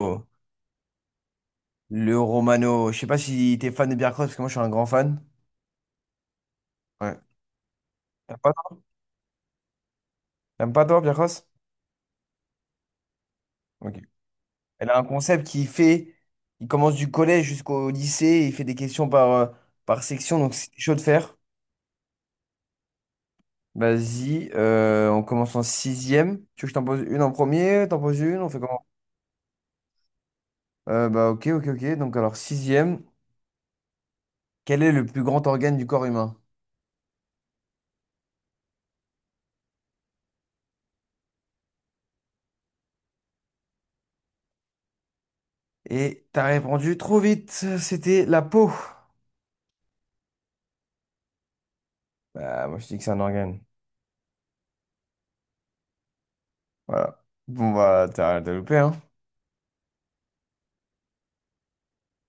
Oh. Le Romano. Je sais pas si t'es fan de Biarcross, parce que moi, je suis un grand fan. Ouais. T'aimes pas, toi? T'aimes pas, toi, Biarcross? Ok. Elle a un concept qui fait... Il commence du collège jusqu'au lycée, et il fait des questions par, par section, donc c'est chaud de faire. Vas-y, on commence en sixième. Tu veux que je t'en pose une en premier? T'en poses une? On fait comment? Bah ok, ok, ok. Donc alors sixième, quel est le plus grand organe du corps humain? Et t'as répondu trop vite, c'était la peau. Bah moi je dis que c'est un organe. Voilà. Bon, bah, t'as loupé, hein?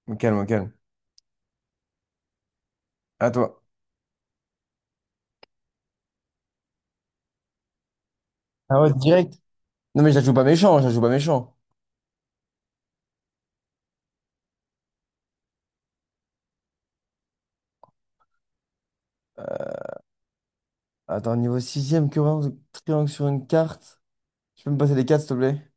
Au calme, au calme. À toi. Ah ouais, direct. Non, mais je la joue pas méchant, je la joue pas méchant. Attends, niveau sixième ème triangle sur une carte. Tu peux me passer les cartes, s'il te plaît?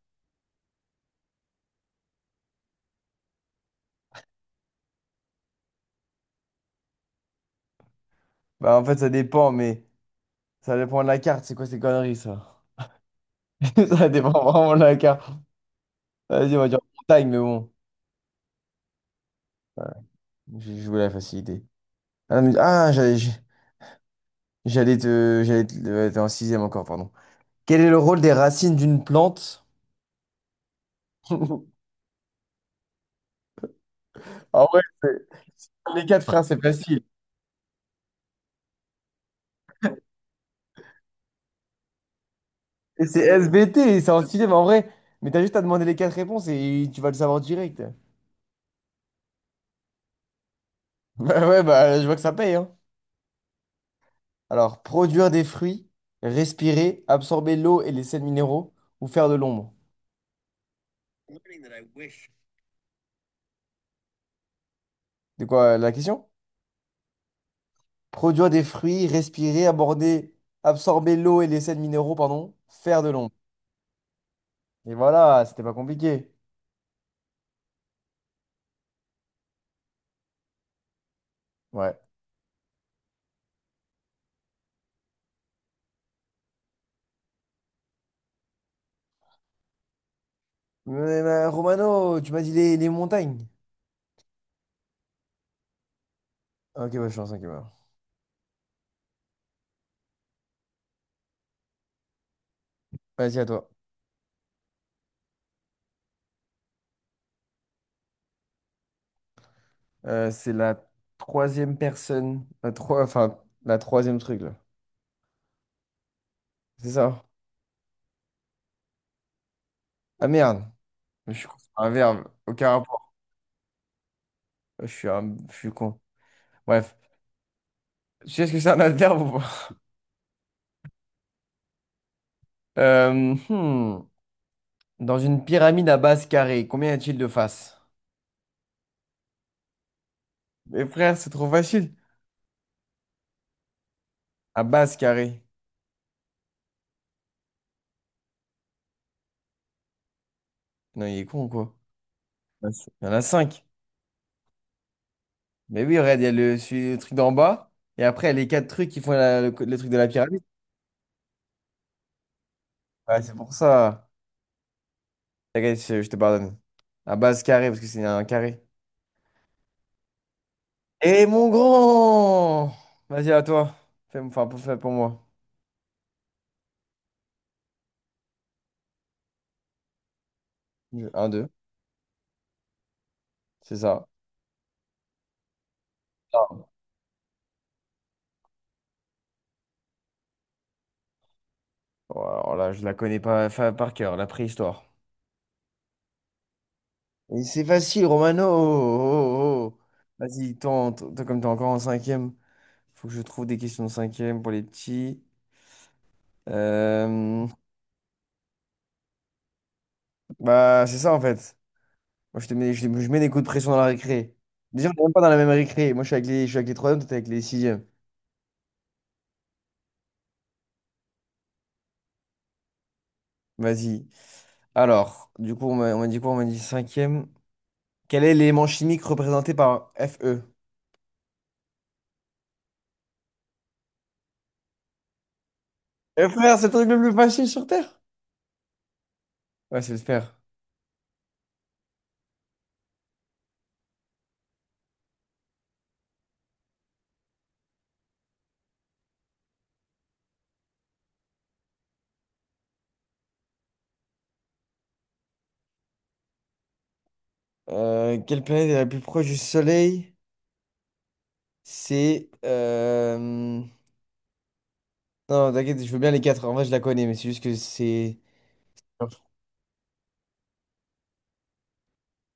Bah, en fait, ça dépend, mais ça dépend de la carte. C'est quoi ces conneries, ça? Ça dépend vraiment de la carte. Vas-y, on va dire montagne, mais bon. Voilà. J'ai joué la facilité. Ah, j'allais j'ai- j'allais te. J'allais te. Ouais, t'es en sixième encore, pardon. Quel est le rôle des racines d'une plante? Ah ouais, les quatre frères, c'est facile. Et c'est SBT, c'est en sixième en vrai. Mais t'as juste à demander les quatre réponses et tu vas le savoir direct. Bah ouais, bah je vois que ça paye, hein. Alors, produire des fruits, respirer, absorber l'eau et les sels minéraux ou faire de l'ombre. C'est quoi la question? Produire des fruits, respirer, aborder, absorber l'eau et les sels minéraux, pardon, faire de l'ombre. Et voilà, c'était pas compliqué. Ouais. Mais, Romano, tu m'as dit les, montagnes. Ok, bonne chance, ok, bah. Vas-y, à toi. C'est la troisième personne. La trois, enfin, la troisième truc, là. C'est ça? Ah merde. Je suis con. C'est un verbe. Aucun rapport. Je suis un... je suis con. Bref. Tu sais ce que c'est un adverbe ou pas? Euh, hmm. Dans une pyramide à base carrée, combien y a-t-il de faces? Mais frère, c'est trop facile. À base carrée. Non, il est con, quoi. Il y en a cinq. Mais oui, regarde, il y a le truc d'en bas. Et après, les quatre trucs qui font le truc de la pyramide. Ouais, c'est pour ça. T'inquiète, je te pardonne. À base carré, parce que c'est un carré. Et mon grand! Vas-y, à toi. Fais, enfin, pour, fais pour moi. Un, deux. C'est ça. Ah. Bon, alors là, je la connais pas par cœur, la préhistoire. Et c'est facile, Romano. Oh, oh, oh. Oh. Vas-y, toi, toi, comme t'es encore en cinquième, faut que je trouve des questions de cinquième pour les petits. Euh, Bah, c'est ça en fait. Moi, je te mets, je mets des coups de pression dans la récré. Déjà, on n'est même pas dans la même récré. Moi, je suis avec les troisièmes, toi, t'es avec les sixièmes. Vas-y. Alors, du coup, on m'a dit quoi? On m'a dit cinquième. Quel est l'élément chimique représenté par Fe? Eh frère, c'est le truc le plus facile sur Terre? Ouais, c'est le fer. Quelle planète est la plus proche du Soleil? C'est... Non, t'inquiète, je veux bien les quatre. En vrai, je la connais, mais c'est juste que c'est...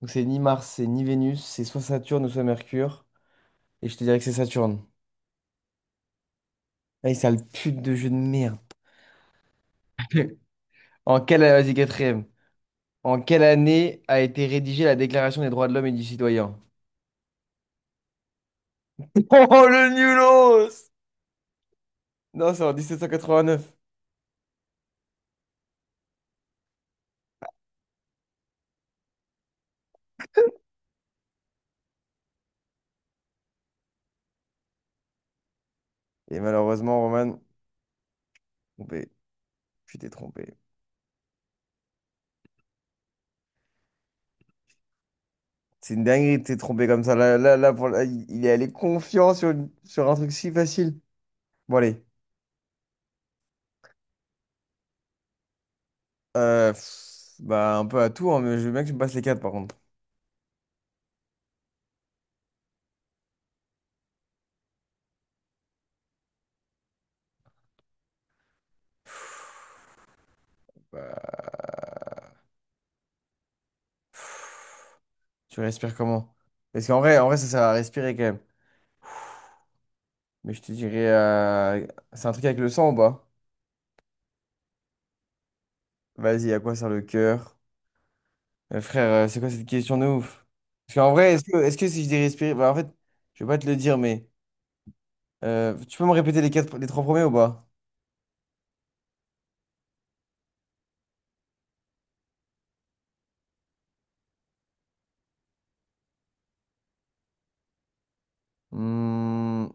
Donc c'est ni Mars, c'est ni Vénus, c'est soit Saturne ou soit Mercure. Et je te dirais que c'est Saturne. Ah, ça le pute de jeu de merde. En quelle... Vas-y, quatrième. En quelle année a été rédigée la Déclaration des droits de l'homme et du citoyen? Oh, le nulos! Non, c'est en 1789. Et malheureusement, Roman, trompé. Tu t'es trompé. C'est une dinguerie de t'es trompé comme ça. Là, là, là, là, il est allé confiant sur, sur un truc si facile. Bon, allez. Bah, un peu à tout, hein, mais je veux bien que tu me passes les quatre, par contre. Bah, tu respires comment? Parce qu'en vrai, ça sert à respirer quand même. Mais je te dirais... c'est un truc avec le sang ou pas? Vas-y, à quoi sert le cœur? Frère, c'est quoi cette question de ouf? Parce qu'en vrai, est-ce que si je dis respirer... Bah, en fait, je vais pas te le dire, mais tu peux me répéter les quatre, les trois premiers ou pas? Hmm,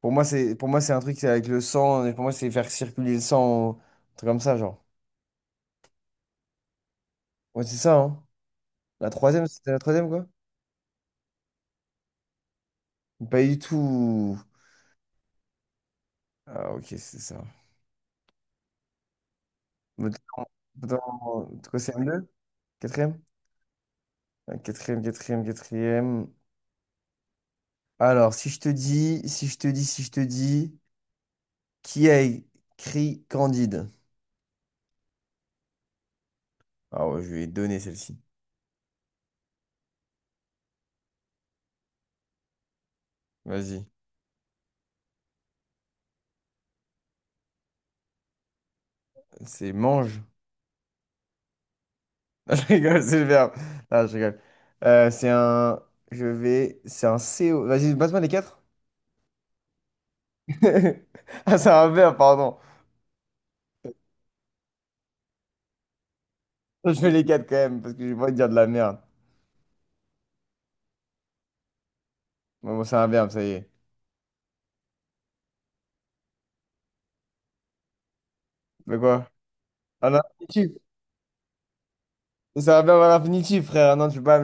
pour moi, c'est un truc c'est avec le sang. Et pour moi, c'est faire circuler le sang, ou un truc comme ça, genre. Ouais, c'est ça, hein? La troisième, c'était la troisième, quoi? Pas du tout. Ah, ok, c'est ça. Mais c'est quoi, c'est M2? Quatrième? Quatrième, quatrième, quatrième. Alors, si je te dis. Qui a écrit Candide? Ah ouais, je lui ai donné celle-ci. Vas-y. C'est mange. Non, je rigole, c'est le verbe. Non, je rigole. C'est un. Je vais. C'est un CO. Vas-y, passe-moi les quatre. Ah, c'est un verbe, pardon. Je fais les quatre quand même, parce que j'ai pas envie de dire de la merde. Bon, bon, c'est un verbe, ça y est. Mais quoi? Ah, un infinitif. C'est un verbe à l'infinitif, frère. Non,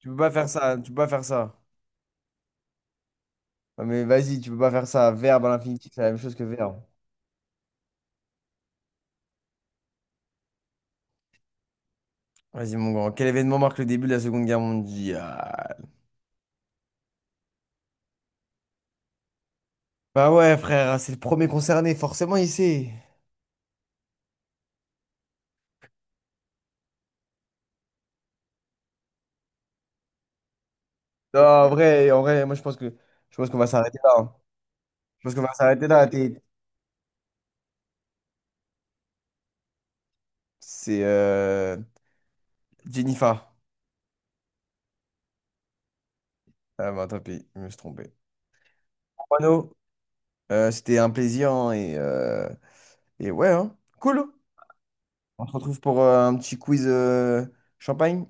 tu peux pas faire ça. Tu peux pas faire ça. Non, mais vas-y, tu peux pas faire ça. Verbe à l'infinitif, c'est la même chose que verbe. Vas-y, mon grand. Quel événement marque le début de la Seconde Guerre mondiale? Bah ouais, frère, hein, c'est le premier concerné, forcément, il sait. Non, en vrai, moi, je pense qu'on va s'arrêter là. Hein. Je pense qu'on va s'arrêter là. C'est Jennifer. Ah bah, tant pis, je me suis trompé. Mano, c'était un plaisir hein, et ouais, hein. Cool. On se retrouve pour un petit quiz champagne.